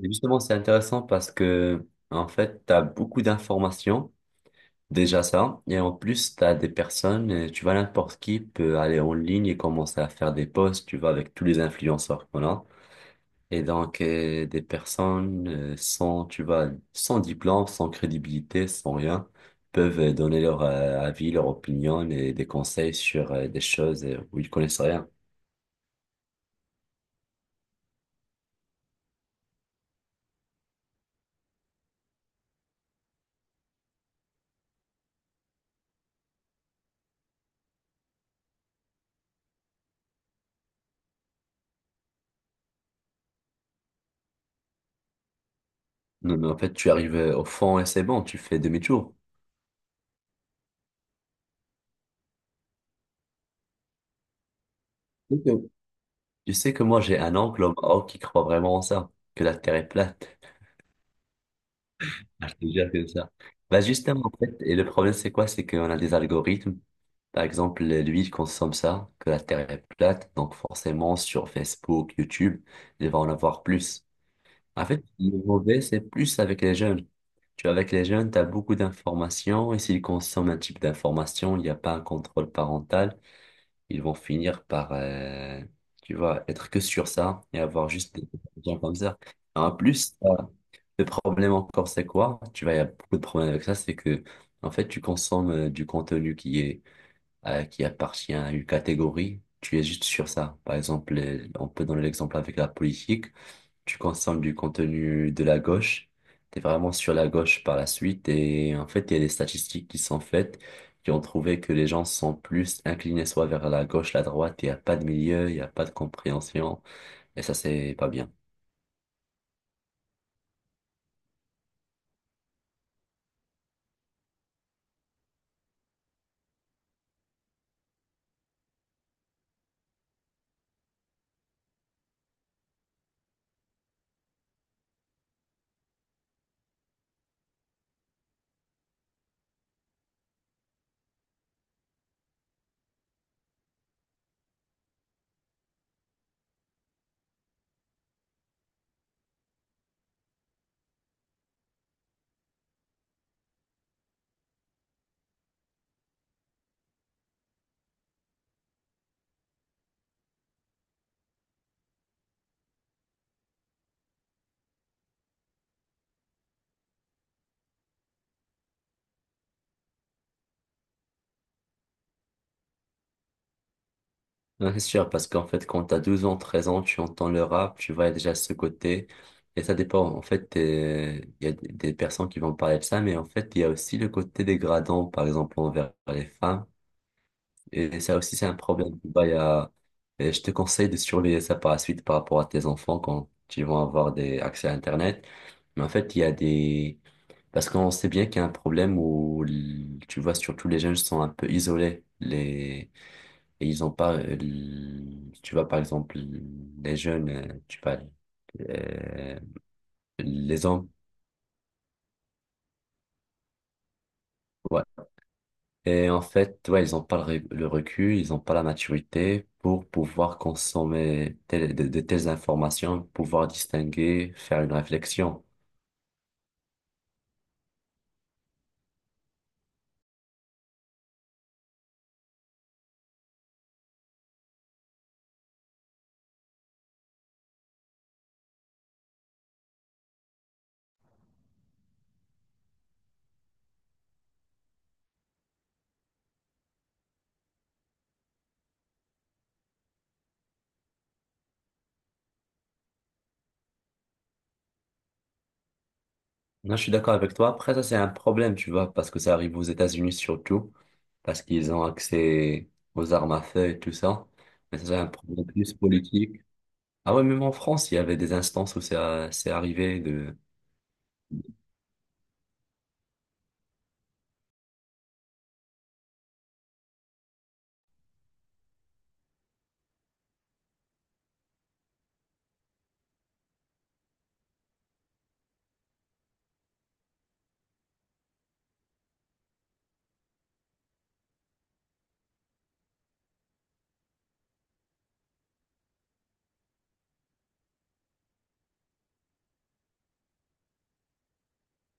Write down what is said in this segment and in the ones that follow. Justement, c'est intéressant parce que, en fait, tu as beaucoup d'informations, déjà ça, et en plus, tu as des personnes, tu vois, n'importe qui peut aller en ligne et commencer à faire des posts, tu vois, avec tous les influenceurs qu'on a. Et donc, des personnes sans, tu vois, sans diplôme, sans crédibilité, sans rien, peuvent donner leur avis, leur opinion et des conseils sur des choses où ils connaissent rien. Non, mais en fait, tu arrives au fond et c'est bon, tu fais demi-tour. Ok. Tu sais que moi, j'ai un oncle au Maroc qui croit vraiment en ça, que la Terre est plate. Je te jure que ça. Bah, justement, en fait, et le problème, c'est quoi? C'est qu'on a des algorithmes. Par exemple, lui, il consomme ça, que la Terre est plate. Donc, forcément, sur Facebook, YouTube, il va en avoir plus. En fait, le mauvais, c'est plus avec les jeunes. Tu vois, avec les jeunes, tu as beaucoup d'informations et s'ils consomment un type d'information, il n'y a pas un contrôle parental. Ils vont finir par, tu vois, être que sur ça et avoir juste des gens comme ça. En plus, le problème encore, c'est quoi? Tu vois, il y a beaucoup de problèmes avec ça, c'est que, en fait, tu consommes du contenu qui est, qui appartient à une catégorie, tu es juste sur ça. Par exemple, on peut donner l'exemple avec la politique, tu consommes du contenu de la gauche, tu es vraiment sur la gauche par la suite. Et en fait, il y a des statistiques qui sont faites qui ont trouvé que les gens sont plus inclinés soit vers la gauche, la droite, il n'y a pas de milieu, il n'y a pas de compréhension. Et ça, c'est pas bien. Non, c'est sûr, parce qu'en fait, quand t'as as 12 ans, 13 ans, tu entends le rap, tu vois déjà ce côté. Et ça dépend. En fait, il y a des personnes qui vont parler de ça, mais en fait, il y a aussi le côté dégradant, par exemple, envers les femmes. Et ça aussi, c'est un problème. Bah, il y et je te conseille de surveiller ça par la suite par rapport à tes enfants quand ils vont avoir des accès à Internet. Mais en fait, il y a des... Parce qu'on sait bien qu'il y a un problème où, tu vois, surtout les jeunes sont un peu isolés. Les... Et ils ont pas... Tu vois, par exemple, les jeunes, tu vois, euh, les hommes. Ouais, et en fait, ouais, ils n'ont pas le, le recul, ils n'ont pas la maturité pour pouvoir consommer de telles informations, pouvoir distinguer, faire une réflexion. Non, je suis d'accord avec toi. Après, ça, c'est un problème, tu vois, parce que ça arrive aux États-Unis surtout, parce qu'ils ont accès aux armes à feu et tout ça. Mais ça, c'est un problème plus politique. Ah ouais, même en France, il y avait des instances où c'est arrivé de...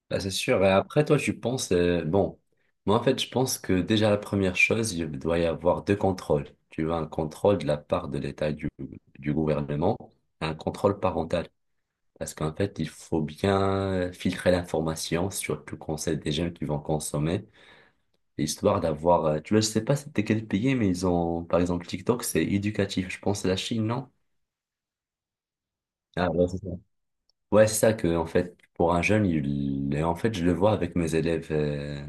Bah, c'est sûr. Et après, toi, tu penses, bon, moi, en fait, je pense que déjà, la première chose, il doit y avoir deux contrôles. Tu vois, un contrôle de la part de l'État du gouvernement, et un contrôle parental. Parce qu'en fait, il faut bien filtrer l'information, surtout quand c'est des jeunes qui vont consommer, histoire d'avoir, tu vois, je sais pas c'était quel pays, mais ils ont, par exemple, TikTok, c'est éducatif. Je pense que c'est la Chine, non? Ah, ouais, c'est ça. Ouais, c'est ça que, en fait, pour un jeune, il, et en fait, je le vois avec mes élèves.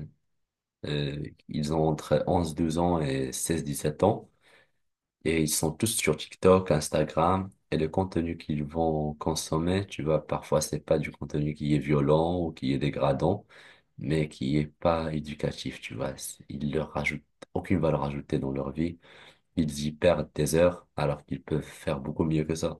Euh, Ils ont entre 11, 12 ans et 16, 17 ans. Et ils sont tous sur TikTok, Instagram. Et le contenu qu'ils vont consommer, tu vois, parfois, c'est pas du contenu qui est violent ou qui est dégradant, mais qui est pas éducatif, tu vois. Ils leur rajoutent aucune valeur ajoutée dans leur vie. Ils y perdent des heures alors qu'ils peuvent faire beaucoup mieux que ça.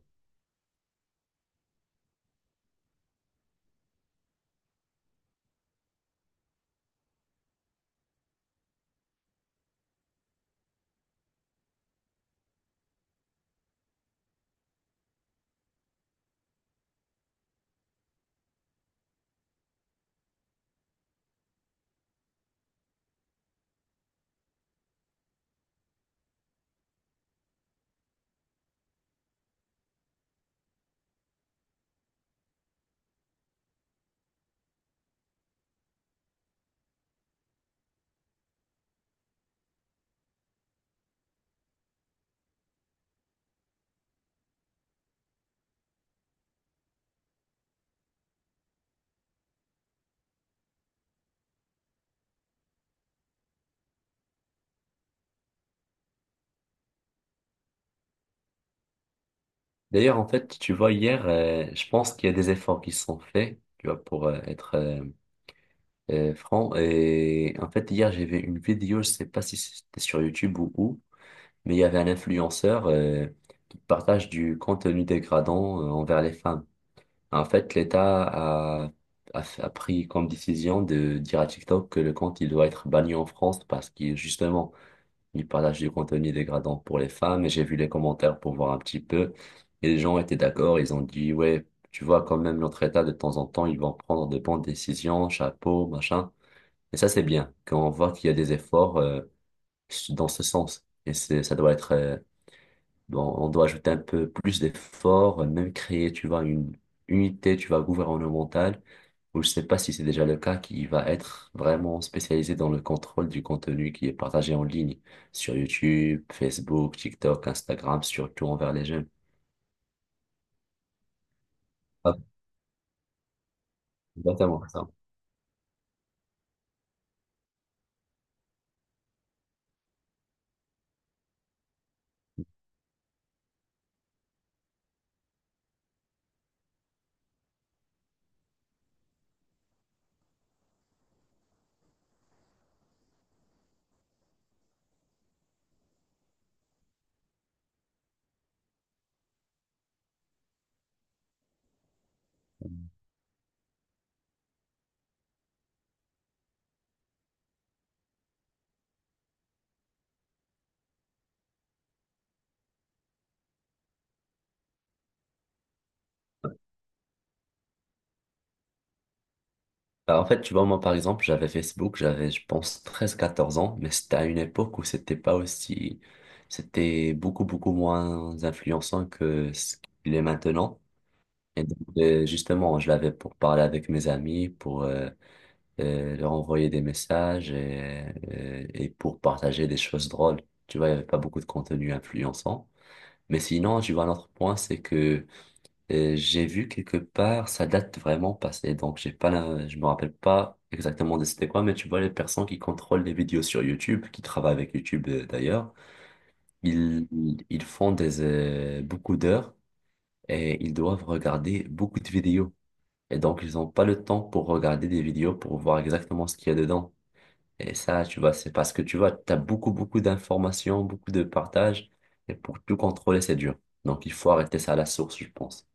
D'ailleurs, en fait, tu vois, hier, je pense qu'il y a des efforts qui sont faits, tu vois, pour être Franck, et en fait, hier, j'ai vu une vidéo, je sais pas si c'était sur YouTube ou où, mais il y avait un influenceur qui partage du contenu dégradant envers les femmes. En fait, l'État a pris comme décision de dire à TikTok que le compte, il doit être banni en France parce qu'il, justement, il partage du contenu dégradant pour les femmes. Et j'ai vu les commentaires pour voir un petit peu. Et les gens étaient d'accord, ils ont dit, ouais, tu vois, quand même, notre État, de temps en temps, ils vont prendre de bonnes décisions, chapeau, machin. Et ça, c'est bien, quand on voit qu'il y a des efforts dans ce sens. Et c'est, ça doit être, bon, on doit ajouter un peu plus d'efforts, même créer, tu vois, une unité, tu vois, gouvernementale, ou je sais pas si c'est déjà le cas, qui va être vraiment spécialisée dans le contrôle du contenu qui est partagé en ligne sur YouTube, Facebook, TikTok, Instagram, surtout envers les jeunes. Ah, exactement. Bah, en fait, tu vois, moi, par exemple, j'avais Facebook, j'avais, je pense, 13 14 ans, mais c'était à une époque où c'était pas aussi, c'était beaucoup, beaucoup moins influençant que ce qu'il est maintenant. Et donc, justement, je l'avais pour parler avec mes amis, pour leur envoyer des messages et pour partager des choses drôles. Tu vois, il y avait pas beaucoup de contenu influençant. Mais sinon, tu vois, un autre point, c'est que et j'ai vu quelque part, ça date vraiment passée, donc j'ai pas la- je me rappelle pas exactement de c'était quoi, mais tu vois les personnes qui contrôlent les vidéos sur YouTube, qui travaillent avec YouTube d'ailleurs, ils, ils font des, beaucoup d'heures et ils doivent regarder beaucoup de vidéos. Et donc ils n'ont pas le temps pour regarder des vidéos pour voir exactement ce qu'il y a dedans. Et ça, tu vois, c'est parce que tu vois, tu as beaucoup, beaucoup d'informations, beaucoup de partages, et pour tout contrôler, c'est dur. Donc il faut arrêter ça à la source, je pense.